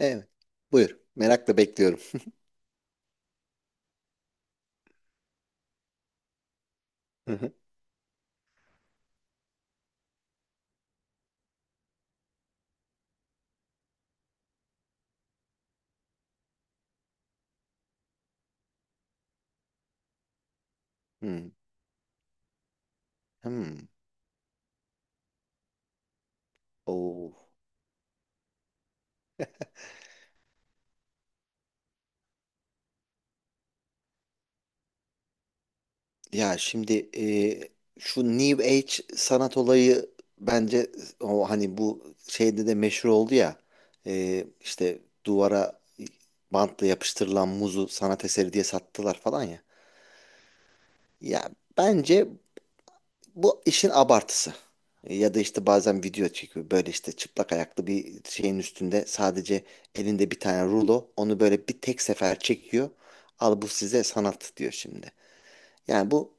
Evet. Buyur. Merakla bekliyorum. Hı hı. Hmm. Hmm. Oo. Ya şimdi şu New Age sanat olayı bence o hani bu şeyde de meşhur oldu ya, işte duvara bantla yapıştırılan muzu sanat eseri diye sattılar falan ya. Ya bence bu işin abartısı. Ya da işte bazen video çekiyor. Böyle işte çıplak ayaklı bir şeyin üstünde sadece elinde bir tane rulo. Onu böyle bir tek sefer çekiyor. Al bu size sanat diyor şimdi. Yani bu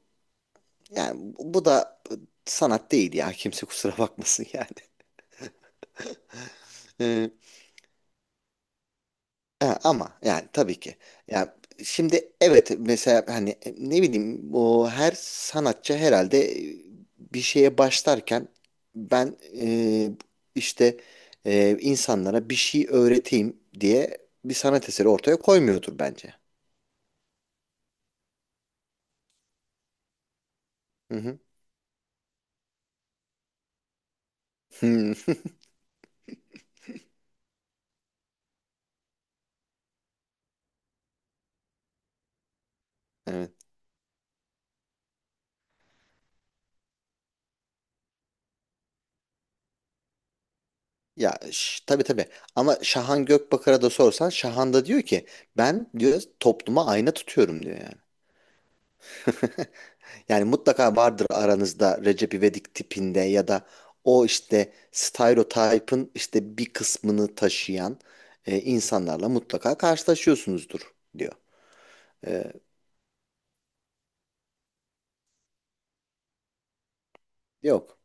yani bu da sanat değil ya. Kimse kusura bakmasın yani. Ha, ama yani tabii ki. Ya şimdi evet, mesela hani ne bileyim, o her sanatçı herhalde bir şeye başlarken ben, işte insanlara bir şey öğreteyim diye bir sanat eseri ortaya koymuyordur bence. Hı hı. Hmm. Evet. Ya tabii tabii, ama Şahan Gökbakar'a da sorsan Şahan da diyor ki ben, diyor, topluma ayna tutuyorum diyor yani. Yani mutlaka vardır aranızda Recep İvedik tipinde ya da o işte stereotipin işte bir kısmını taşıyan insanlarla mutlaka karşılaşıyorsunuzdur diyor. E, yok.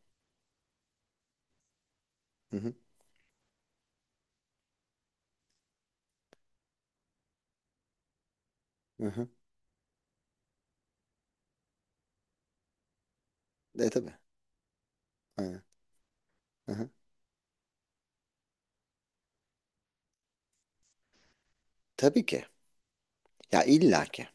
Hı hı, hı hı. E tabii. Aynen. Hı hı. Tabii ki. Ya illa ki.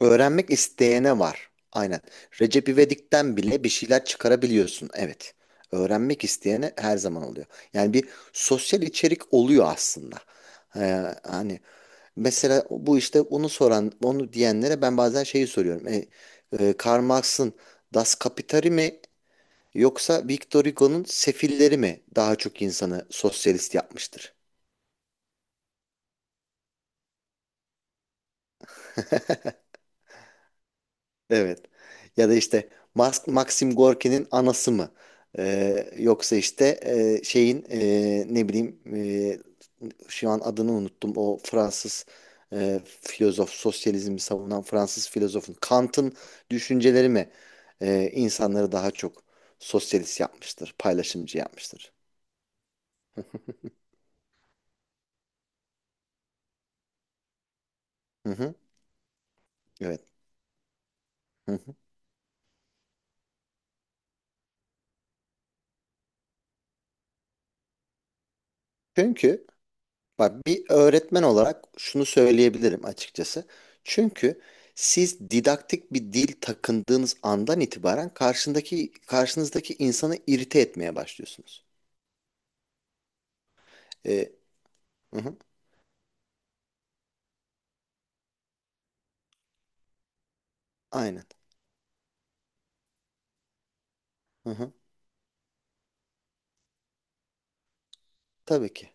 Öğrenmek isteyene var. Aynen. Recep İvedik'ten bile bir şeyler çıkarabiliyorsun. Evet. Öğrenmek isteyene her zaman oluyor. Yani bir sosyal içerik oluyor aslında. E, Hani, mesela bu işte onu soran, onu diyenlere ben bazen şeyi soruyorum. Karl Marx'ın Das Kapital'i mi yoksa Victor Hugo'nun Sefilleri mi daha çok insanı sosyalist yapmıştır? Evet. Ya da işte Maxim Gorki'nin anası mı? Yoksa işte şeyin, ne bileyim, şu an adını unuttum. O Fransız filozof, sosyalizmi savunan Fransız filozofun, Kant'ın, düşünceleri mi insanları daha çok sosyalist yapmıştır, paylaşımcı yapmıştır? Hı hı. Evet. Hı hı. Çünkü, bak, bir öğretmen olarak şunu söyleyebilirim açıkçası. Çünkü siz didaktik bir dil takındığınız andan itibaren karşındaki, karşınızdaki insanı irite etmeye başlıyorsunuz. Ee, hı hı, aynen. Hı hı, tabii ki.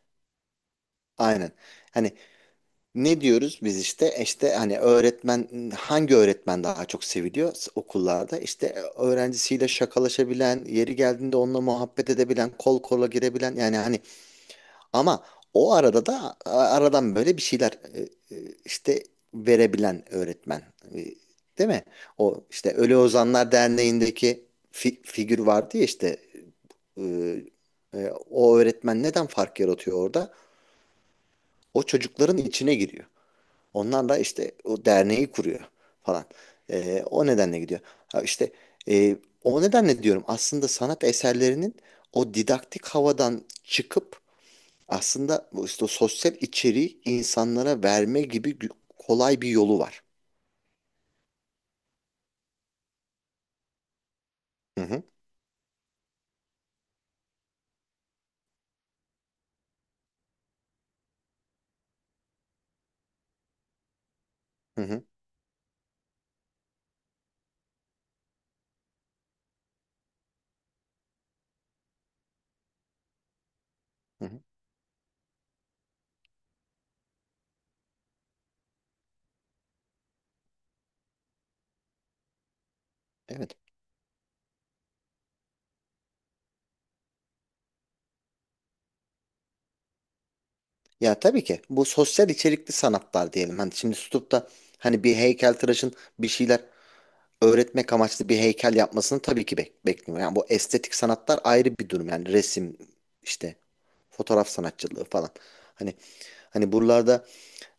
Aynen. Hani ne diyoruz biz işte, hani, öğretmen, hangi öğretmen daha çok seviliyor okullarda? İşte öğrencisiyle şakalaşabilen, yeri geldiğinde onunla muhabbet edebilen, kol kola girebilen, yani hani, ama o arada da aradan böyle bir şeyler, işte, verebilen öğretmen. E, Değil mi? O işte Ölü Ozanlar Derneği'ndeki figür vardı ya işte, e, o öğretmen neden fark yaratıyor orada? O çocukların içine giriyor. Onlar da işte o derneği kuruyor falan. O nedenle gidiyor. Ha işte, e, o nedenle diyorum, aslında sanat eserlerinin o didaktik havadan çıkıp aslında bu işte o sosyal içeriği insanlara verme gibi kolay bir yolu var. Hı hı, hı hı, hı hı. Evet. Ya tabii ki bu sosyal içerikli sanatlar diyelim. Hani şimdi tutup da hani bir heykeltıraşın bir şeyler öğretmek amaçlı bir heykel yapmasını tabii ki bekliyor. Yani bu estetik sanatlar ayrı bir durum. Yani resim, işte fotoğraf sanatçılığı falan. Hani hani buralarda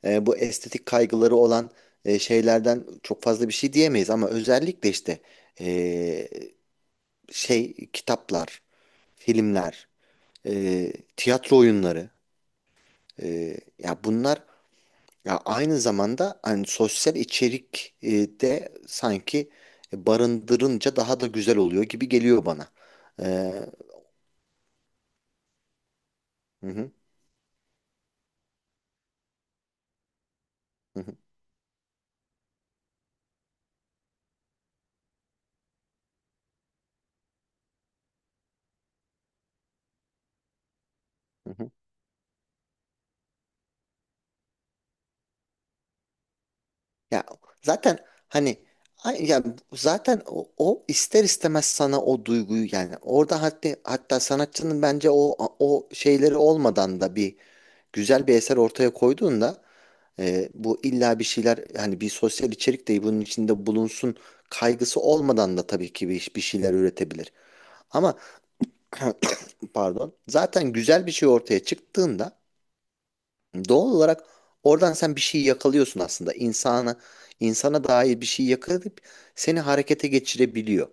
bu estetik kaygıları olan şeylerden çok fazla bir şey diyemeyiz, ama özellikle işte, e, şey, kitaplar, filmler, tiyatro oyunları, ya bunlar ya aynı zamanda hani sosyal içerik de sanki barındırınca daha da güzel oluyor gibi geliyor bana. E, hı hı, hı hı, hı hı. Ya zaten hani ya zaten o ister istemez sana o duyguyu, yani orada, hatta hatta sanatçının bence o, şeyleri olmadan da bir, güzel bir eser ortaya koyduğunda, bu illa bir şeyler hani bir sosyal içerik de bunun içinde bulunsun kaygısı olmadan da tabii ki bir şeyler üretebilir. Ama pardon, zaten güzel bir şey ortaya çıktığında doğal olarak oradan sen bir şey yakalıyorsun aslında. İnsana dair bir şey yakalayıp seni harekete geçirebiliyor.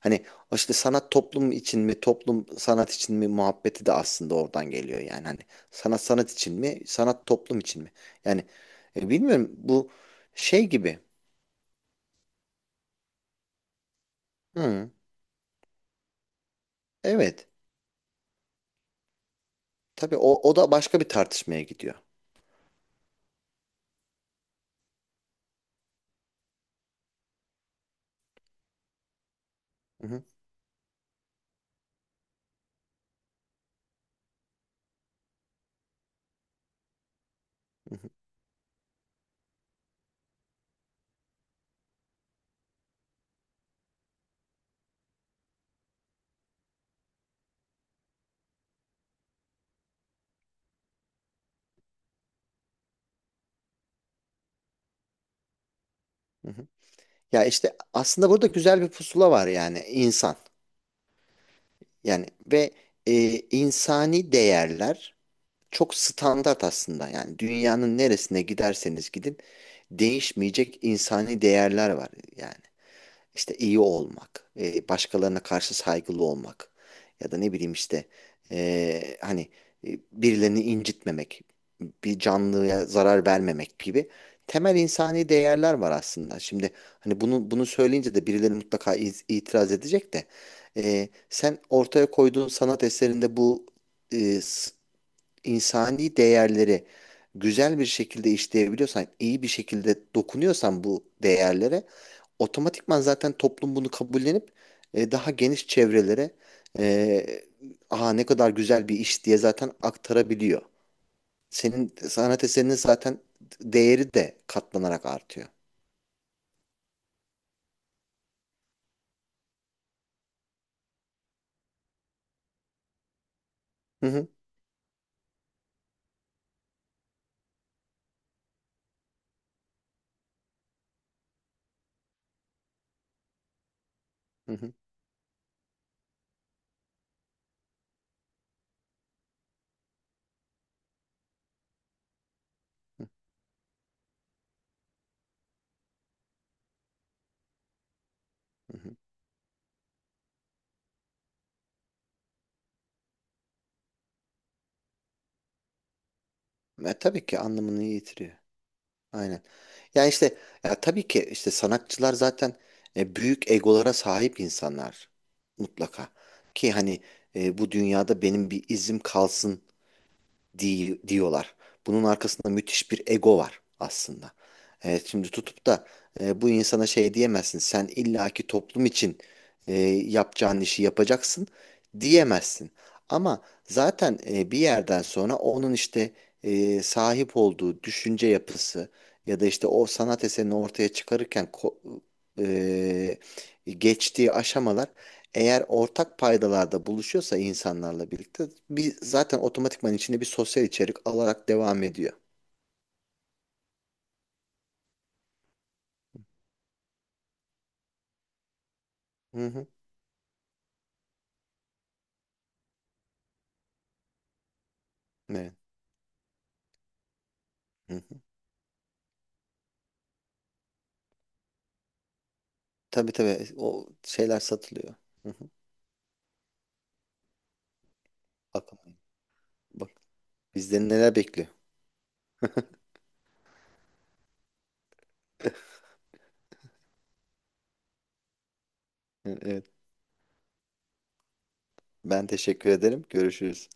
Hani o işte sanat toplum için mi, toplum sanat için mi muhabbeti de aslında oradan geliyor yani. Hani sanat sanat için mi, sanat toplum için mi? Yani bilmiyorum, bu şey gibi. Hı, evet. Tabii o da başka bir tartışmaya gidiyor. Hı hı, hı hı, hı hı. Ya işte aslında burada güzel bir pusula var, yani insan. Yani, ve e, insani değerler çok standart aslında. Yani dünyanın neresine giderseniz gidin değişmeyecek insani değerler var. Yani İşte iyi olmak, başkalarına karşı saygılı olmak ya da ne bileyim, işte hani birilerini incitmemek, bir canlıya zarar vermemek gibi temel insani değerler var aslında. Şimdi hani bunu söyleyince de birileri mutlaka itiraz edecek de, sen ortaya koyduğun sanat eserinde bu e, s- insani değerleri güzel bir şekilde işleyebiliyorsan, iyi bir şekilde dokunuyorsan bu değerlere, otomatikman zaten toplum bunu kabullenip daha geniş çevrelere e, aha ne kadar güzel bir iş diye zaten aktarabiliyor. Senin sanat eserinin zaten değeri de katlanarak artıyor. Hı hı, hı hı, hı hı. Tabii ki anlamını yitiriyor. Aynen. Yani işte, ya tabii ki işte sanatçılar zaten büyük egolara sahip insanlar mutlaka. Ki hani, bu dünyada benim bir izim kalsın diyorlar. Bunun arkasında müthiş bir ego var aslında. Evet, şimdi tutup da bu insana şey diyemezsin. Sen illaki toplum için e, yapacağın işi yapacaksın diyemezsin. Ama zaten bir yerden sonra onun işte sahip olduğu düşünce yapısı ya da işte o sanat eserini ortaya çıkarırken e, geçtiği aşamalar, eğer ortak paydalarda buluşuyorsa insanlarla birlikte, bir zaten otomatikman içinde bir sosyal içerik alarak devam ediyor. Hı hı. Evet. Hı hı. Tabii tabii, o şeyler satılıyor. Hı hı. Bakın, bak bizden neler bekliyor. Evet. Ben teşekkür ederim. Görüşürüz.